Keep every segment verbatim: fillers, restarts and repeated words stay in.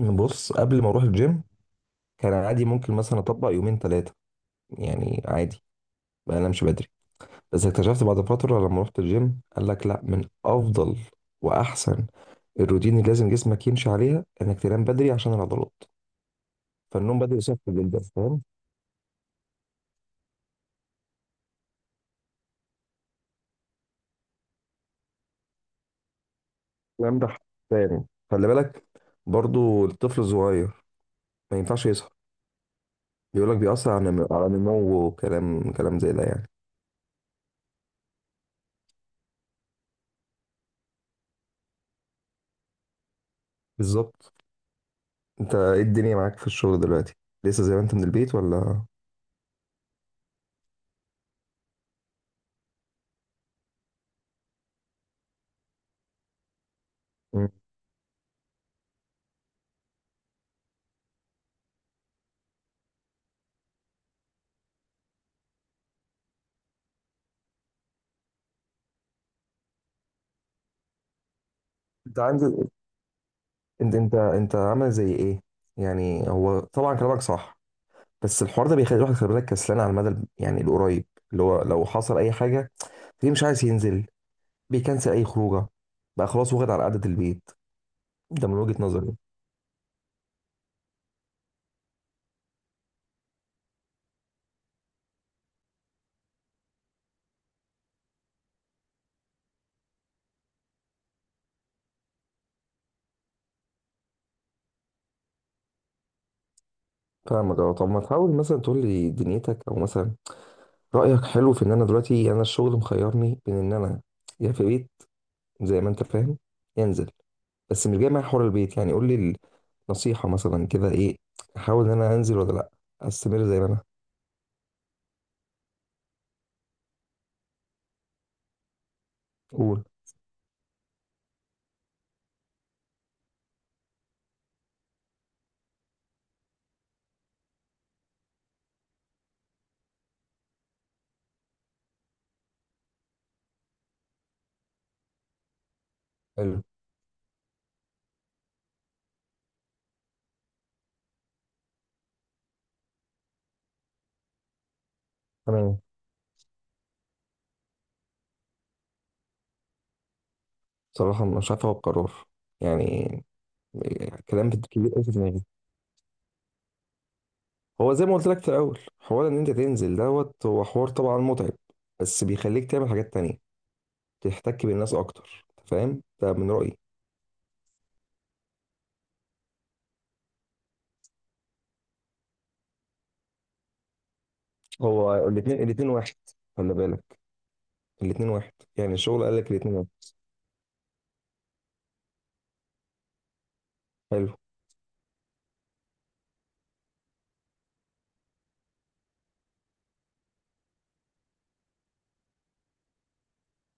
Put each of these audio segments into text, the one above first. بص، قبل ما اروح الجيم كان عادي ممكن مثلا اطبق يومين ثلاثه، يعني عادي، ما انامش بدري. بس اكتشفت بعد فتره لما رحت الجيم، قال لك لا، من افضل واحسن الروتين اللي لازم جسمك يمشي عليها انك تنام بدري عشان العضلات. فالنوم بدري صحي جدا، فاهم الكلام ده؟ تاني، خلي بالك، برضو الطفل الصغير ما ينفعش يسهر. بيقول لك بيأثر على نم- على نموه وكلام كلام زي ده يعني. بالظبط. انت ايه الدنيا معاك في الشغل دلوقتي؟ لسه زي ما انت من البيت ولا؟ مم. انت عندي. انت انت انت عامل زي ايه؟ يعني هو طبعا كلامك صح، بس الحوار ده بيخلي الواحد، خلي بالك، كسلان على المدى ال- يعني القريب. اللي هو لو حصل اي حاجه، ليه مش عايز ينزل؟ بيكنسل اي خروجه، بقى خلاص واخد على قعده البيت. ده من وجهه نظري. فاهمك اه. طب ما تحاول مثلا تقول لي دنيتك، او مثلا رايك حلو في ان انا دلوقتي، يعني انا الشغل مخيرني بين ان انا يا في بيت زي ما انت فاهم، ينزل. بس مش جاي معايا حوار البيت، يعني قول لي النصيحه مثلا كده ايه؟ احاول ان انا انزل ولا لا؟ استمر زي ما انا. قول. حلو. انا بصراحه مش عارف اخد قرار يعني. كلام كبير قوي في دماغي. هو زي ما قلت لك في الاول، حوار ان انت تنزل دوت هو حوار طبعا متعب، بس بيخليك تعمل حاجات تانية، تحتك بالناس اكتر، أنت فاهم. ده من رايي. هو الاثنين الاثنين واحد، خلي بالك. الاثنين واحد، يعني الشغل قال لك الاثنين واحد. حلو.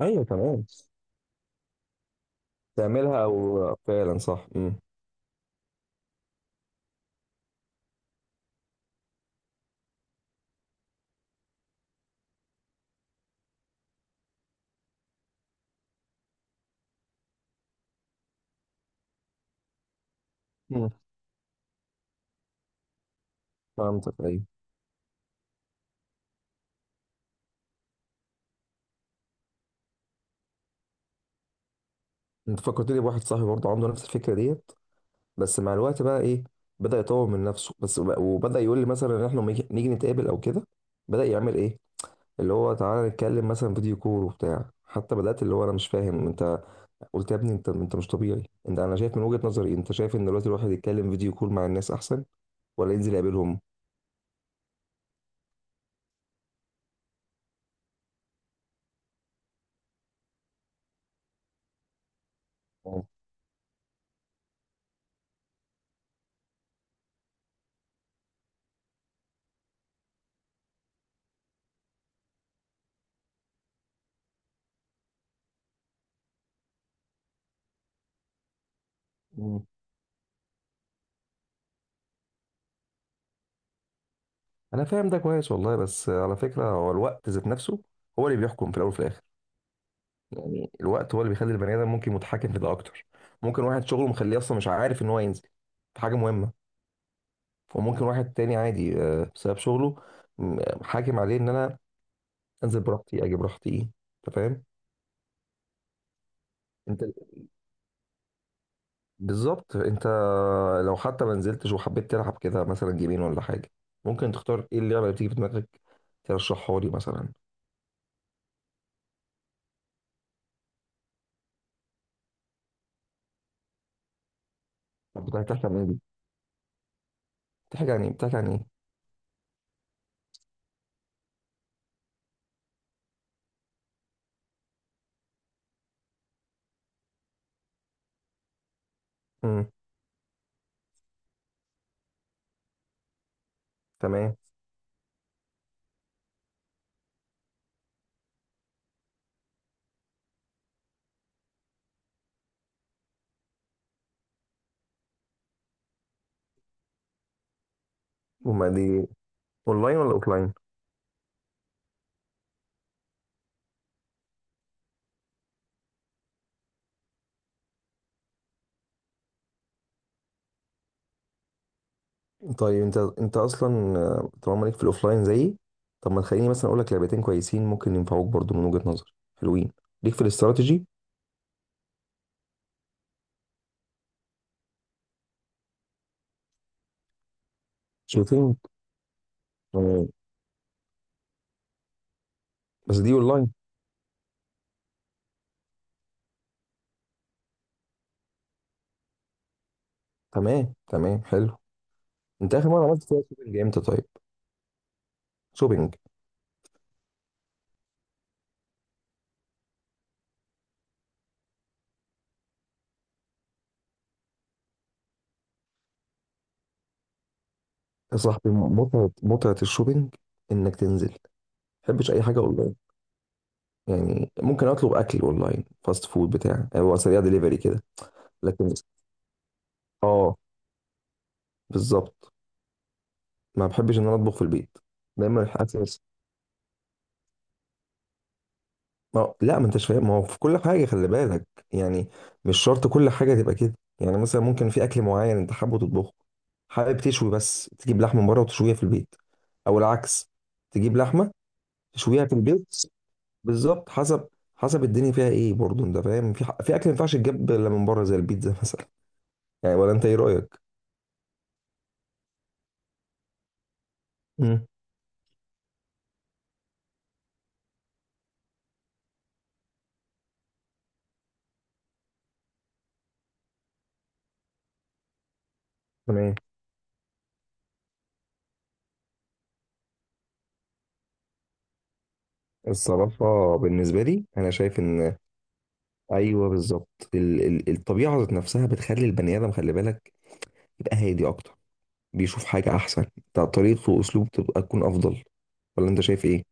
ايوه تمام. تعملها او فعلا صح. امم. أمم. فهمتك ايوه. انت فكرتني بواحد صاحبي برضه عنده نفس الفكره ديت. بس مع الوقت بقى ايه؟ بدأ يطور من نفسه بس، وب- وبدأ يقول لي مثلا ان احنا لما يجي- نيجي نتقابل او كده، بدأ يعمل ايه؟ اللي هو تعالى نتكلم مثلا فيديو كول وبتاع. حتى بدأت اللي هو انا مش فاهم انت. قلت يا ابني انت انت مش طبيعي. انت انا شايف من وجهة نظري، انت شايف ان دلوقتي الواحد يتكلم فيديو كول مع الناس احسن ولا ينزل يقابلهم؟ آه. مم. انا فاهم ده كويس والله، بس على فكرة هو الوقت ذات نفسه هو اللي بيحكم في الاول وفي الاخر. يعني الوقت هو اللي بيخلي البني ادم ممكن متحكم في ده اكتر. ممكن واحد شغله مخليه اصلا مش عارف ان هو ينزل في حاجة مهمة، وممكن واحد تاني عادي، آه، بسبب شغله م- حاكم عليه ان انا انزل براحتي اجي براحتي، انت فاهم. انت، بالظبط انت، لو حتى ما نزلتش وحبيت تلعب كده مثلا جيمين ولا حاجه، ممكن تختار ايه اللعبه اللي بتيجي في دماغك ترشحها لي مثلا؟ طب بتاعت- بتحكي عن ايه دي؟ بتحكي عن ايه بتحكي عن ايه امم. تمام. وما دي اونلاين ولا اوفلاين؟ طيب انت انت اصلا آه، طالما ليك في الاوفلاين زيي، طب ما تخليني مثلا اقول لك لعبتين كويسين ممكن ينفعوك برضو، من وجهة نظر حلوين ليك في الاستراتيجي. شوتينج آه. بس دي اونلاين. تمام تمام، حلو. انت اخر مره عملت فيها شوبينج امتى طيب؟ شوبينج. يا صاحبي، متعه متعه الشوبينج انك تنزل. ما بحبش اي حاجه اونلاين، يعني ممكن اطلب اكل اونلاين فاست فود بتاع، يعني هو سريع دليفري كده. لكن اه، بالظبط، ما بحبش ان انا اطبخ في البيت. دايما الحاجات. ما هو- لا ما انتش فاهم، ما هو في كل حاجه خلي بالك، يعني مش شرط كل حاجه تبقى كده. يعني مثلا ممكن في اكل معين انت حابه تطبخه، حابب تشوي بس تجيب لحمه من بره وتشويها في البيت، او العكس، تجيب لحمه تشويها في البيت. بالظبط، حسب حسب الدنيا فيها ايه برضه انت فاهم. في ح- في اكل ما ينفعش تجيب الا من بره زي البيتزا مثلا، يعني ولا انت ايه رايك؟ امم. تمام. الصراحة بالنسبة لي أنا شايف إن أيوه بالظبط، ال- ال- الطبيعة ذات نفسها بتخلي البني آدم، خلي بالك، يبقى هادي أكتر، بيشوف حاجة أحسن. طب طريقته وأسلوبه تبقى تكون أفضل، ولا أنت شايف إيه؟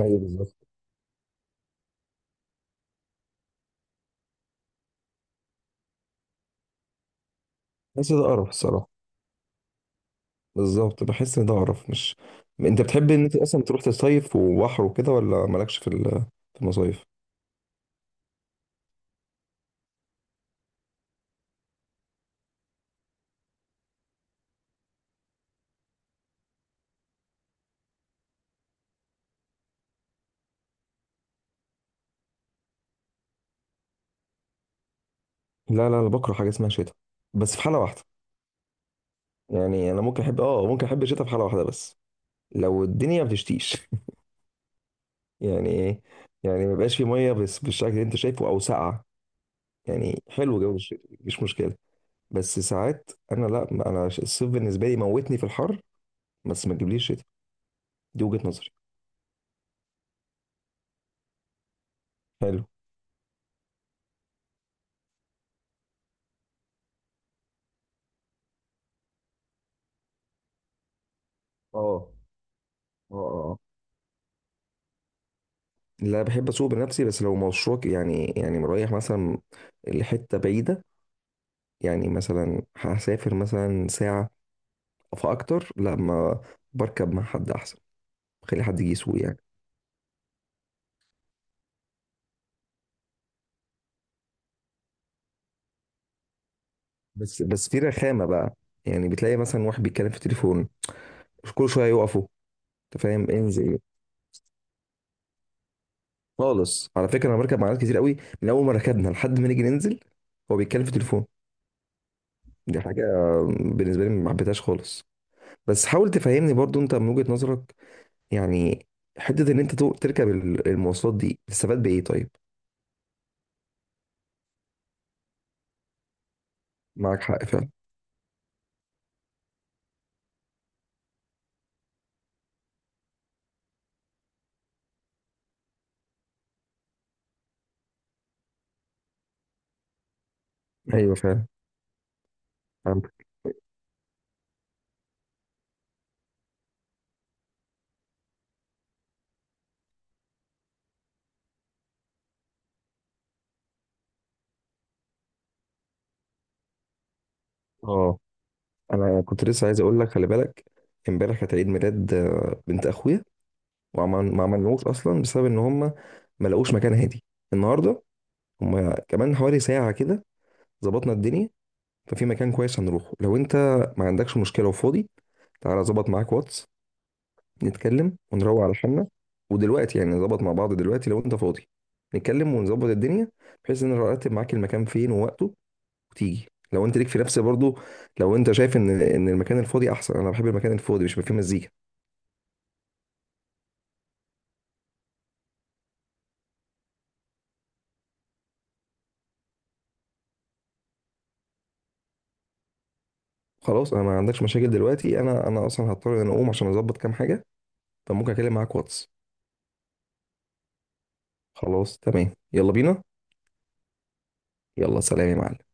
ايوه بالظبط، بحس ده قرف الصراحة. بالظبط بحس إن ده قرف، مش؟ أنت بتحب إن أنت أصلا تروح تصيف وبحر وكده ولا مالكش في ال- في المصايف؟ لا لا، أنا بكره حاجة اسمها شتاء. بس في حالة واحدة. يعني أنا ممكن أحب آه، ممكن أحب الشتاء في حالة واحدة بس. لو الدنيا ما بتشتيش يعني إيه؟ يعني ما يبقاش في مية بس بالشكل اللي أنت شايفه أو ساقعة، يعني حلو جو الشتاء مفيش مشكلة. بس ساعات انا، لا انا ش- الصيف بالنسبه لي موتني في الحر، بس ما تجيبليش شتاء. دي وجهه نظري. حلو. اه اه اه، لا بحب اسوق بنفسي. بس لو مشروع ك- يعني يعني رايح مثلا لحته بعيده، يعني مثلا هسافر مثلا ساعه فاكتر، لا ما بركب مع حد احسن، خلي حد يجي يسوق يعني. بس بس في رخامه بقى، يعني بتلاقي مثلا واحد بيتكلم في التليفون كل شويه يقفوا. انت فاهم؟ انزل خالص على فكره، انا بركب مع ناس كتير قوي، من اول ما ركبنا لحد ما نيجي ننزل هو بيتكلم في تليفون. دي حاجه بالنسبه لي ما حبيتهاش خالص. بس حاول تفهمني برضو انت من وجهه نظرك، يعني حته ان انت تو- تركب ال- المواصلات دي تستفاد بايه طيب؟ معاك حق فعلا. ايوه فعلا، فهمتك اه. انا كنت لسه عايز اقول لك، خلي بالك، امبارح كانت عيد ميلاد آه، بنت اخويا. وعمل ما عملناهوش اصلا بسبب ان هم ما لقوش مكان هادي. النهارده هم كمان حوالي ساعه كده ظبطنا الدنيا، ففي مكان كويس هنروحه لو انت ما عندكش مشكلة وفاضي. تعالى اظبط معاك واتس، نتكلم ونروق على حالنا. ودلوقتي يعني نظبط مع بعض دلوقتي لو انت فاضي، نتكلم ونظبط الدنيا، بحيث ان أنا ارتب معاك المكان فين ووقته وتيجي لو انت ليك في نفس برضو. لو انت شايف ان ان المكان الفاضي احسن، انا بحب المكان الفاضي مش بيبقى فيه مزيكا. خلاص. انا ما عندكش مشاكل دلوقتي. انا انا اصلا هضطر ان أنا اقوم عشان اظبط كام حاجة، فممكن اكلم معاك واتس. خلاص تمام. يلا بينا. يلا سلام يا معلم.